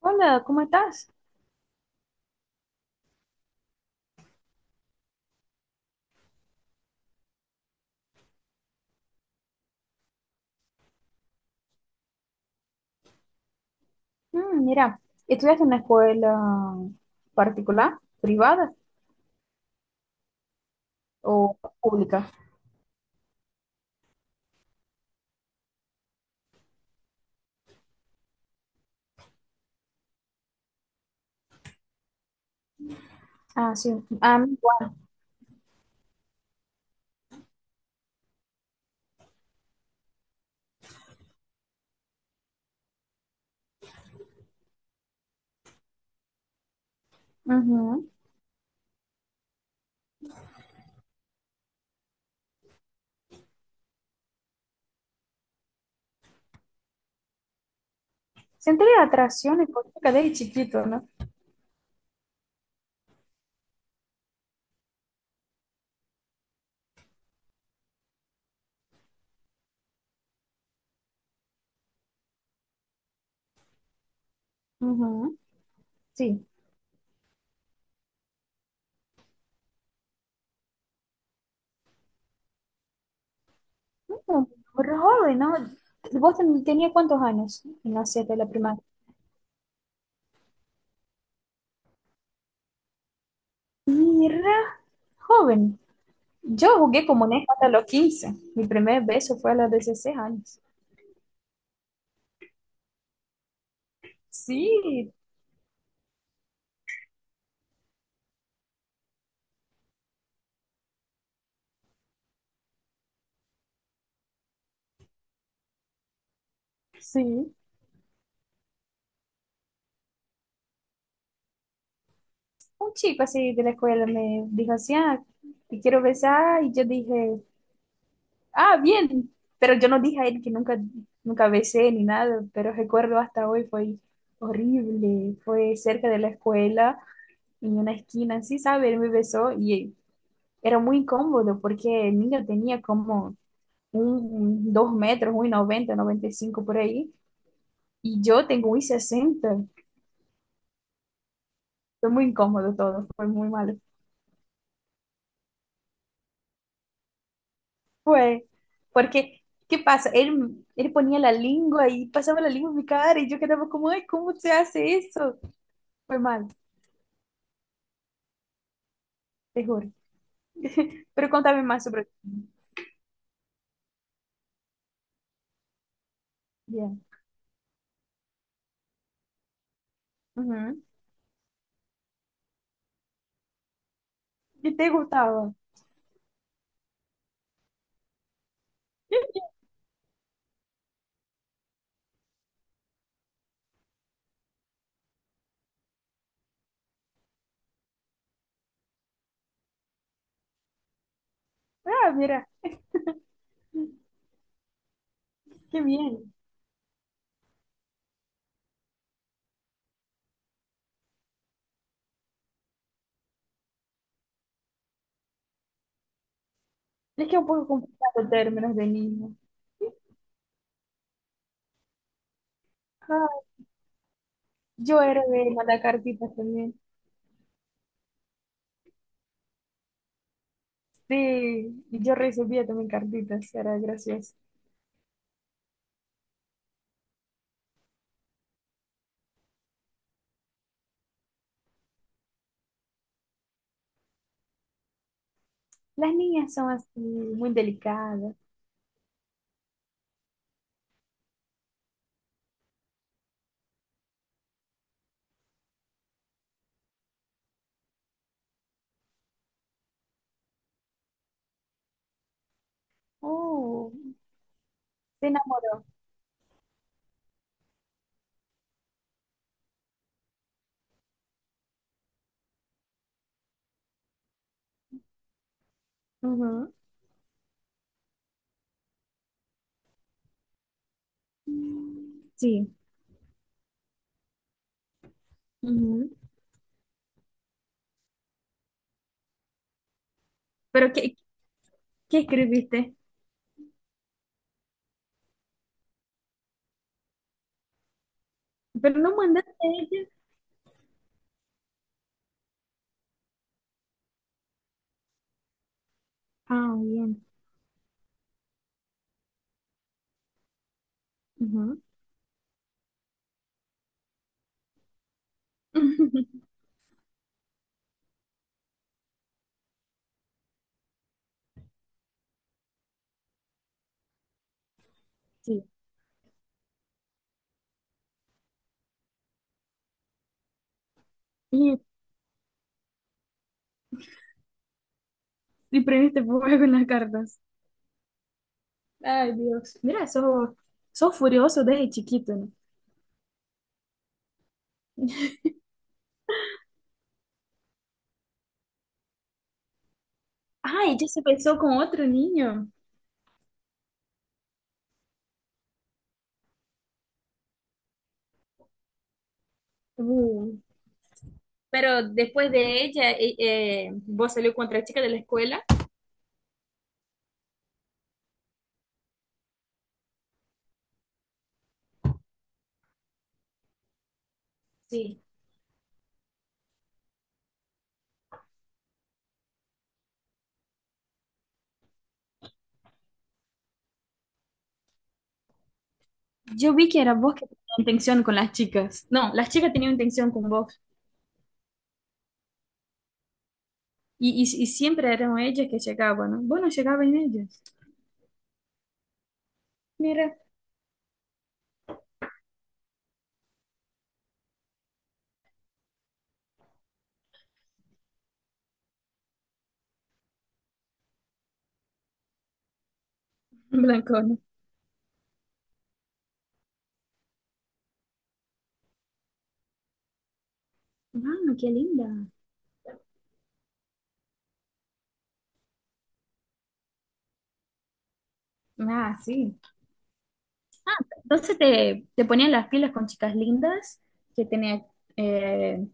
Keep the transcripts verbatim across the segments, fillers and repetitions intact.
Hola, ¿cómo estás? Mm, mira, ¿estudiaste en una escuela particular, privada o pública? Ah, sí. Ah, mi igual. Ujú. Sentí la atracción económica desde chiquito, ¿no? Ujú. Sí. Mm, pero joven, ¿no? ¿Vos ten- tenías cuántos años en la siete de la primaria? Mira, joven. Yo jugué como neja hasta los quince. Mi primer beso fue a los dieciséis años. Sí, sí. Un chico así de la escuela me dijo así, ah, te quiero besar, y yo dije, ah, bien, pero yo no dije a él que nunca, nunca besé ni nada, pero recuerdo hasta hoy fue horrible, fue cerca de la escuela, en una esquina, así, sabes él me besó y era muy incómodo porque el niño tenía como un, dos metros, un noventa, noventa y cinco por ahí, y yo tengo un uno sesenta. Fue muy incómodo todo, fue muy malo. Fue, porque ¿qué pasa? Él, él ponía la lengua y pasaba la lengua en mi cara y yo quedaba como, ay, ¿cómo se hace eso? Fue mal, te juro. Pero contame más sobre... Bien. Ujú. ¿Y te gustaba? Ah, mira, qué bien. Es que es un poco complicado en términos de niño. Ah, yo era de mandar cartitas también. Sí, y yo recibía también cartitas, era gracioso. Las niñas son así, muy delicadas. Oh, se enamoró. Ujú. Sí. Ujú. ¿Pero qué, qué escribiste? Pero no mandaste a ella. Ah, bien. Ujú. Sí. Y, y prendiste fuego con las cartas. Ay, Dios. Mira, sos, sos furioso desde chiquito, ¿no? Ay, ella se besó con otro niño. Uh. Pero después de ella, eh, eh, vos salió con otra chica de la escuela. Sí. Yo vi que era vos que tenías intención con las chicas. No, las chicas tenían intención con vos. Y, y, y siempre eran ellas que llegaban, ¿no? Vos no llegabas en ellas. Mira. Blancona. Ah, qué linda. Ah, sí. Entonces te, te ponían las pilas con chicas lindas que tenían eh,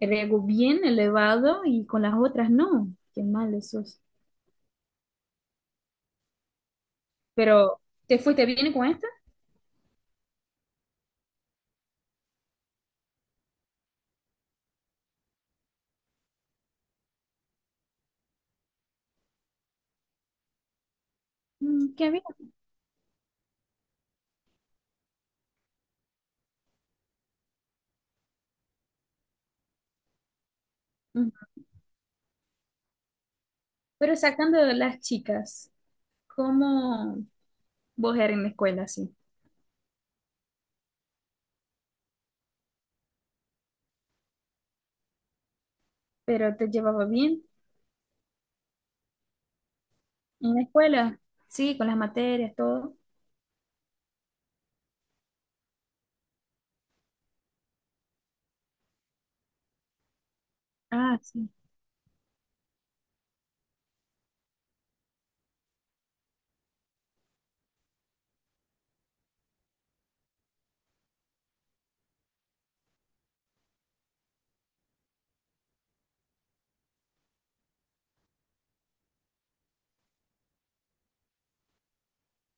el ego bien elevado y con las otras no. Qué mal eso. Pero, ¿te fuiste bien con esta? Mm, qué bien. Mm. Pero sacando de las chicas, ¿cómo vos eras en la escuela, sí? ¿Pero te llevaba bien en la escuela? Sí, con las materias, todo. Ah, sí.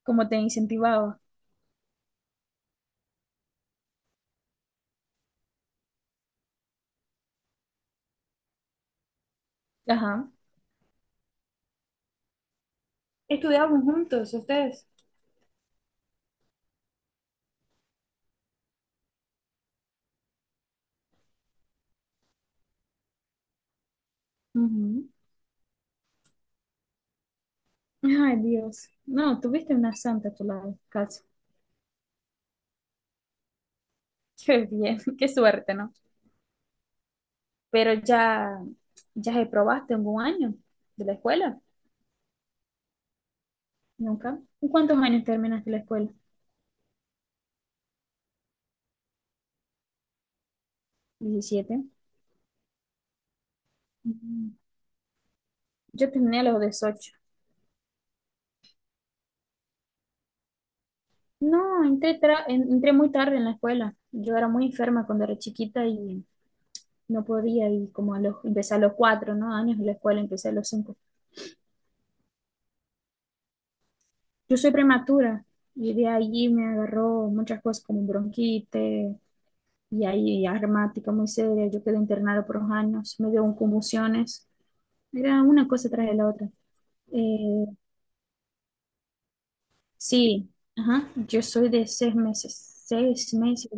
¿Cómo te incentivaba? Ajá. ¿Estudiaban juntos ustedes? Ujú. Ay, Dios. No, tuviste una santa a tu lado, casi. Qué bien, qué suerte, ¿no? Pero ya, ya reprobaste algún año de la escuela. Nunca. ¿En cuántos años terminaste la escuela? Diecisiete. Mm, yo terminé a los dieciocho. No, entré, tra- en- entré muy tarde en la escuela. Yo era muy enferma cuando era chiquita y no podía y como a los, empecé a los cuatro, ¿no? años de la escuela, empecé a los cinco. Yo soy prematura y de allí me agarró muchas cosas como bronquitis y ahí asmática muy seria, yo quedé internada por dos años, me dio un convulsiones, era una cosa tras de la otra. Eh, sí, ajá, yo soy de seis meses, seis meses.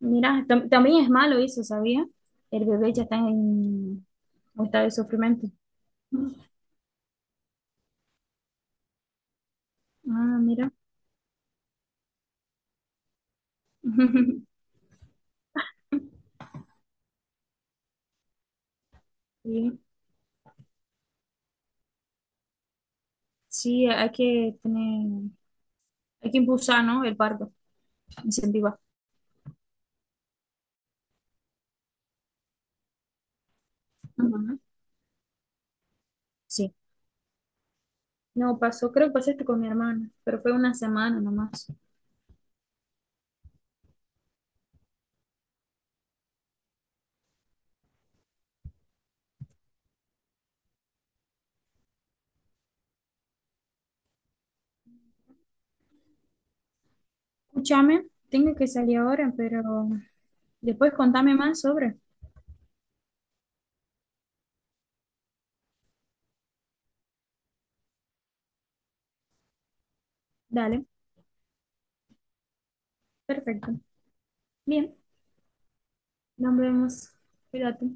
Mira, tam- también es malo eso, ¿sabía? El bebé ya está en un estado de sufrimiento. Ah, mira. Sí, sí, hay que tener, hay que impulsar, ¿no? El parto, incentivar. Ajá. Sí. No, pasó, creo que pasó esto con mi hermana, pero fue una semana nomás. Escúchame, tengo que salir ahora, pero después contame más sobre. Dale, perfecto. Bien, nos vemos. Cuídate.